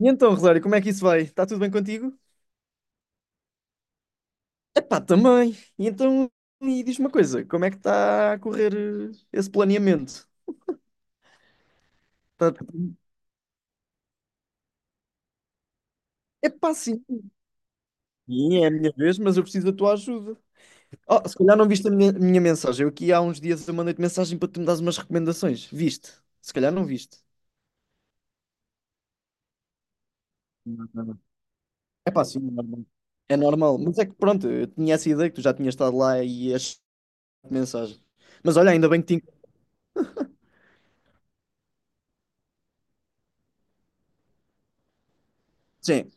E então, Rosário, como é que isso vai? Está tudo bem contigo? Epá, também. E então, e diz uma coisa, como é que está a correr esse planeamento? Tá- Epá, sim. Sim, é a minha vez, mas eu preciso da tua ajuda. Oh, se calhar não viste a minha mensagem. Eu aqui há uns dias eu mandei-te mensagem para tu me dares umas recomendações. Viste? Se calhar não viste. Não, não, não. Epá, sim, é normal. É normal. Mas é que pronto, eu tinha essa ideia que tu já tinhas estado lá e achaste mensagem. Mas olha, ainda bem que Sim.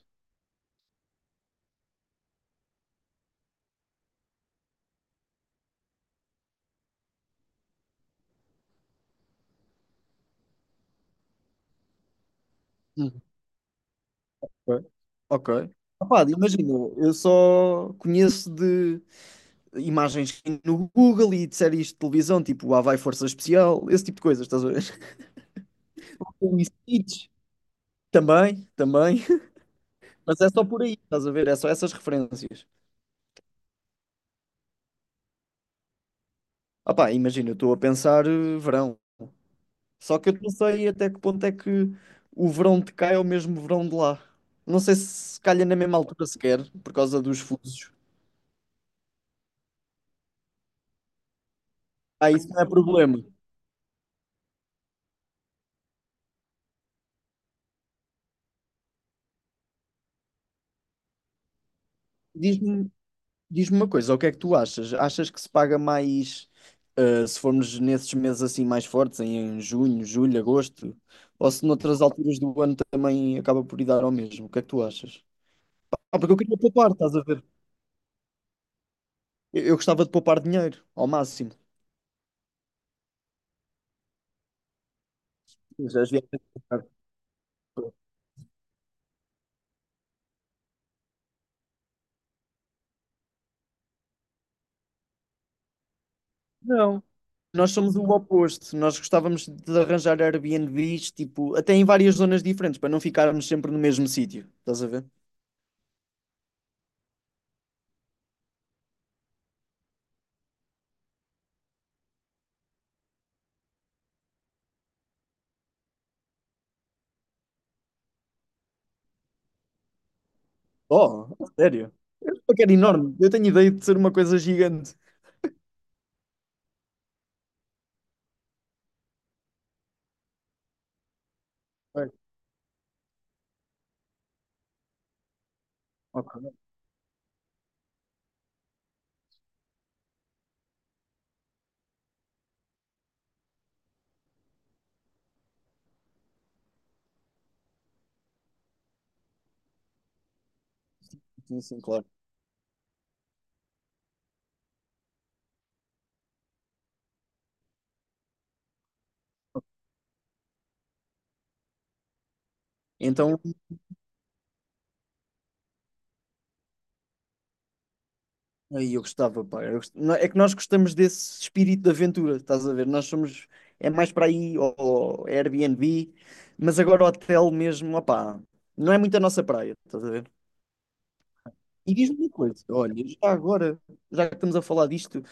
Ok. Ok. Opá, imagina, eu só conheço de imagens no Google e de séries de televisão, tipo Lá vai Força Especial, esse tipo de coisas, estás a ver? Ou em Stitch. Também, também. Mas é só por aí, estás a ver? É só essas referências. Opá, imagina, eu estou a pensar verão. Só que eu não sei até que ponto é que o verão de cá é o mesmo verão de lá. Não sei se calha na mesma altura sequer, por causa dos fusos. Ah, isso não é problema. Diz-me Diz-me uma coisa, o que é que tu achas? Achas que se paga mais, se formos nesses meses assim mais fortes, em junho, julho, agosto, ou se noutras alturas do ano também acaba por ir dar ao mesmo? O que é que tu achas? Ah, porque eu queria poupar, estás a ver? Eu gostava de poupar dinheiro, ao máximo. Mas as viagens- Não. Nós somos o oposto. Nós gostávamos de arranjar Airbnbs, tipo, até em várias zonas diferentes, para não ficarmos sempre no mesmo sítio. Estás a ver? Oh, a sério? É um enorme. Eu tenho ideia de ser uma coisa gigante. Ok, ok, sim, sim, claro. Então, aí eu gostava, pá. Não, é que nós gostamos desse espírito de aventura, estás a ver? Nós somos. É mais para aí, ou Airbnb, mas agora hotel mesmo, opá, não é muito a nossa praia, estás a ver? E diz-me uma coisa, olha, já agora, já que estamos a falar disto,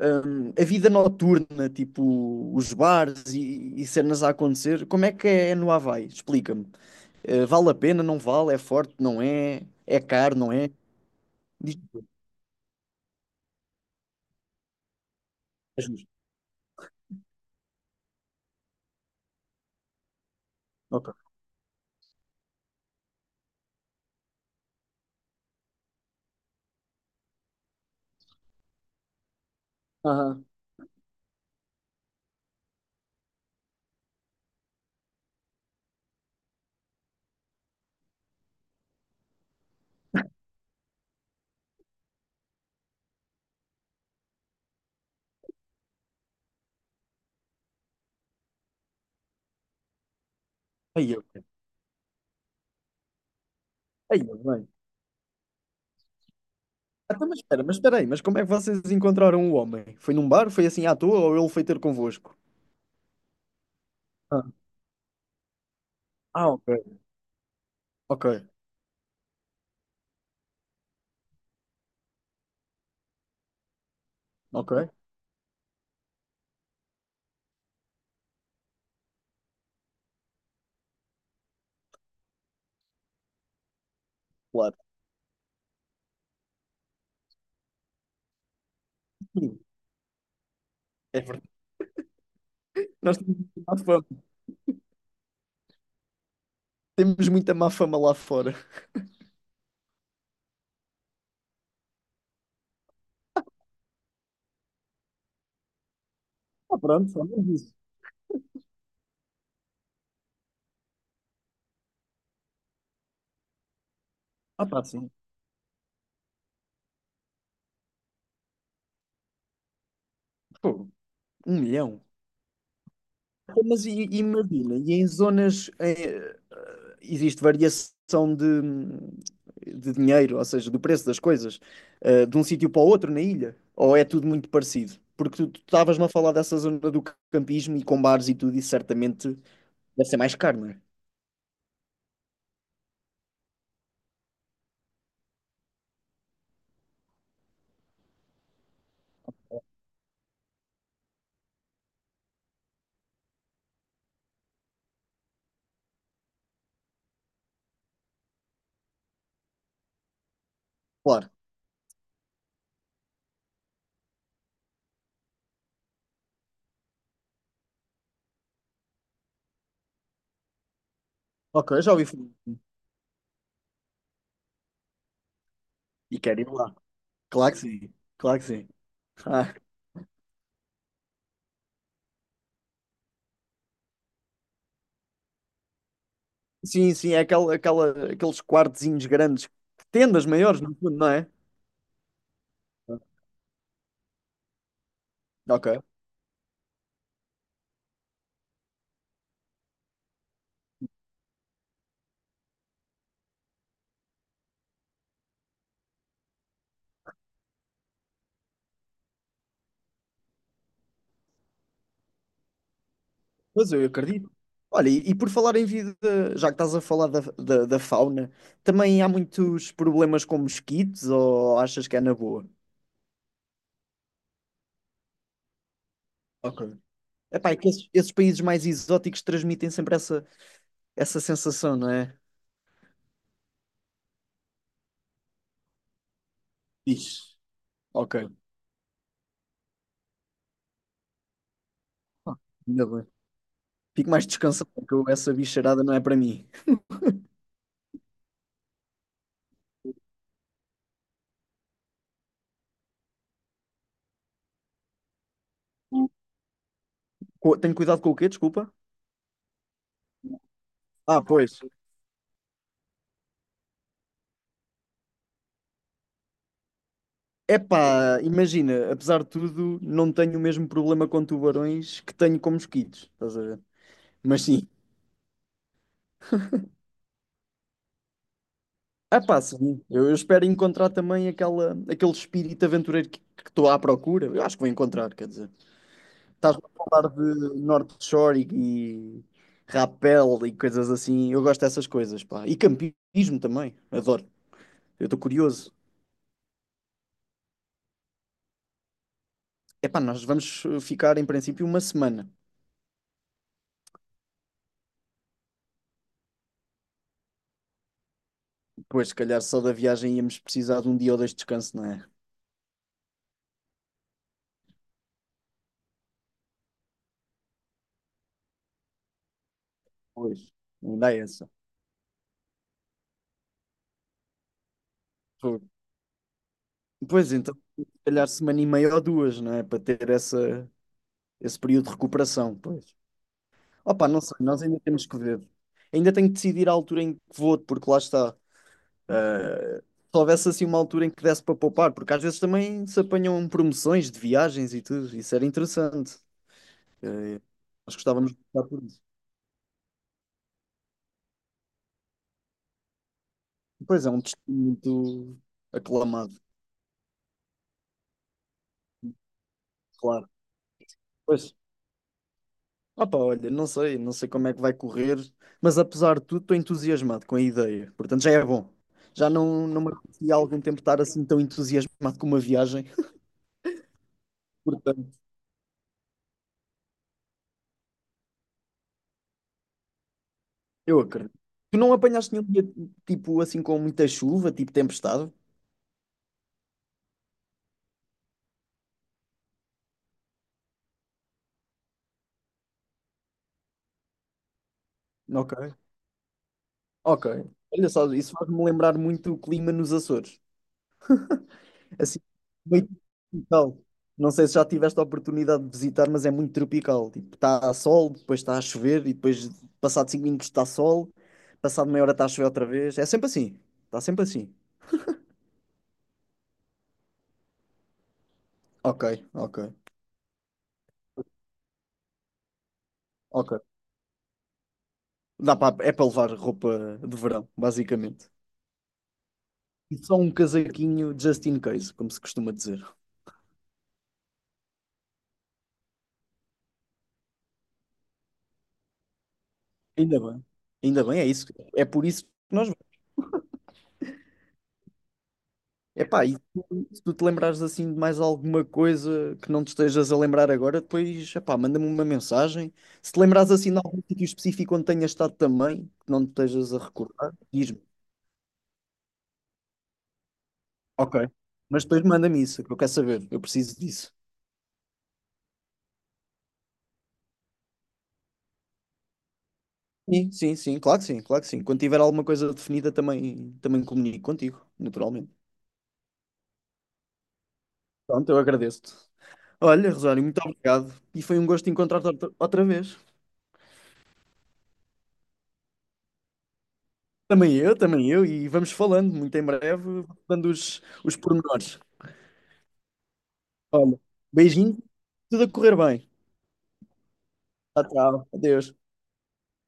a vida noturna, tipo os bares e cenas a acontecer, como é que é no Havaí? Explica-me. Eh, vale a pena, não vale? É forte, não é? É caro, não é? Diz- É justo. Ok. Aham. Aí eu. Aí eu, bem. Ah, então, mas espera aí, mas como é que vocês encontraram o homem? Foi num bar? Foi assim à toa ou ele foi ter convosco? Ah, ah, ok. Ok, ok. Claro. Sim, é verdade. Nós temos muita má fama. Temos muita má fama lá fora. Ah, pronto, ao menos isso. Ah, pá, sim. Pô, 1 milhão. Pô, mas e imagina, e em zonas, existe variação de dinheiro, ou seja, do preço das coisas, de um sítio para o outro na ilha? Ou é tudo muito parecido? Porque tu estavas-me a falar dessa zona do campismo e com bares e tudo, e certamente deve ser mais caro, não é? Claro. Ok, eu já ouvi falar. E quero ir lá. Claro que sim, claro que sim. Ah, sim, sim, é aqueles quartezinhos grandes, tendas maiores, no fundo, não é? Ok. Mas eu acredito. Olha, e por falar em vida, já que estás a falar da fauna, também há muitos problemas com mosquitos ou achas que é na boa? Ok. Epá, é que esses países mais exóticos transmitem sempre essa, essa sensação, não é? Isso. Ok. Ah, ainda bem. Fico mais descansado, porque essa bicharada não é para mim. Tenho cuidado com o quê? Desculpa. Ah, pois. Epá, imagina, apesar de tudo, não tenho o mesmo problema com tubarões que tenho com mosquitos, estás a ver? Mas sim. Ah, pá, sim. Eu espero encontrar também aquela, aquele espírito aventureiro que estou à procura. Eu acho que vou encontrar, quer dizer. Estás a falar de North Shore e rapel e coisas assim. Eu gosto dessas coisas, pá. E campismo também. Adoro. Eu estou curioso. É pá, nós vamos ficar em princípio uma semana. Depois, se calhar, só da viagem íamos precisar de um dia ou dois de descanso, não é? Pois, ainda é essa. Fogo. Pois então, se calhar semana e meia ou duas, não é? Para ter essa, esse período de recuperação. Pois. Opa, não sei, nós ainda temos que ver. Ainda tenho que decidir a altura em que vou, porque lá está. Se houvesse assim uma altura em que desse para poupar, porque às vezes também se apanham promoções de viagens e tudo, isso era interessante. Eh, nós gostávamos de passar por isso. Pois é, um destino muito aclamado, claro. Pois, opa, olha, não sei, não sei como é que vai correr, mas apesar de tudo, estou entusiasmado com a ideia, portanto já é bom. Já não me acontecia há algum tempo estar assim tão entusiasmado com uma viagem, portanto. Eu acredito. Tu não apanhaste nenhum dia, tipo, assim, com muita chuva, tipo tempestade? Ok, ok. Olha só, isso faz-me lembrar muito o clima nos Açores. Assim, meio tropical. Não sei se já tiveste a oportunidade de visitar, mas é muito tropical. Tipo, está a sol, depois está a chover, e depois, passado 5 minutos, está sol, passado meia hora está a chover outra vez. É sempre assim. Está sempre assim. Ok, ok, ok. Dá para, é para levar roupa de verão, basicamente. E só um casaquinho just in case, como se costuma dizer. Ainda bem, ainda bem, é isso. É por isso que nós vamos. Epá, se tu te lembrares assim de mais alguma coisa que não te estejas a lembrar agora, depois, epá, manda-me uma mensagem. Se te lembrares assim de algum sítio específico onde tenhas estado também, que não te estejas a recordar, diz-me. Ok. Mas depois manda-me isso, que eu quero saber, eu preciso disso. Sim, claro que sim, claro que sim. Quando tiver alguma coisa definida, também comunico contigo, naturalmente. Pronto, eu agradeço-te. Olha, Rosário, muito obrigado. E foi um gosto encontrar-te outra vez. Também eu, e vamos falando muito em breve, dando os pormenores. Olha, beijinho, tudo a correr bem. Tchau, tchau. Adeus.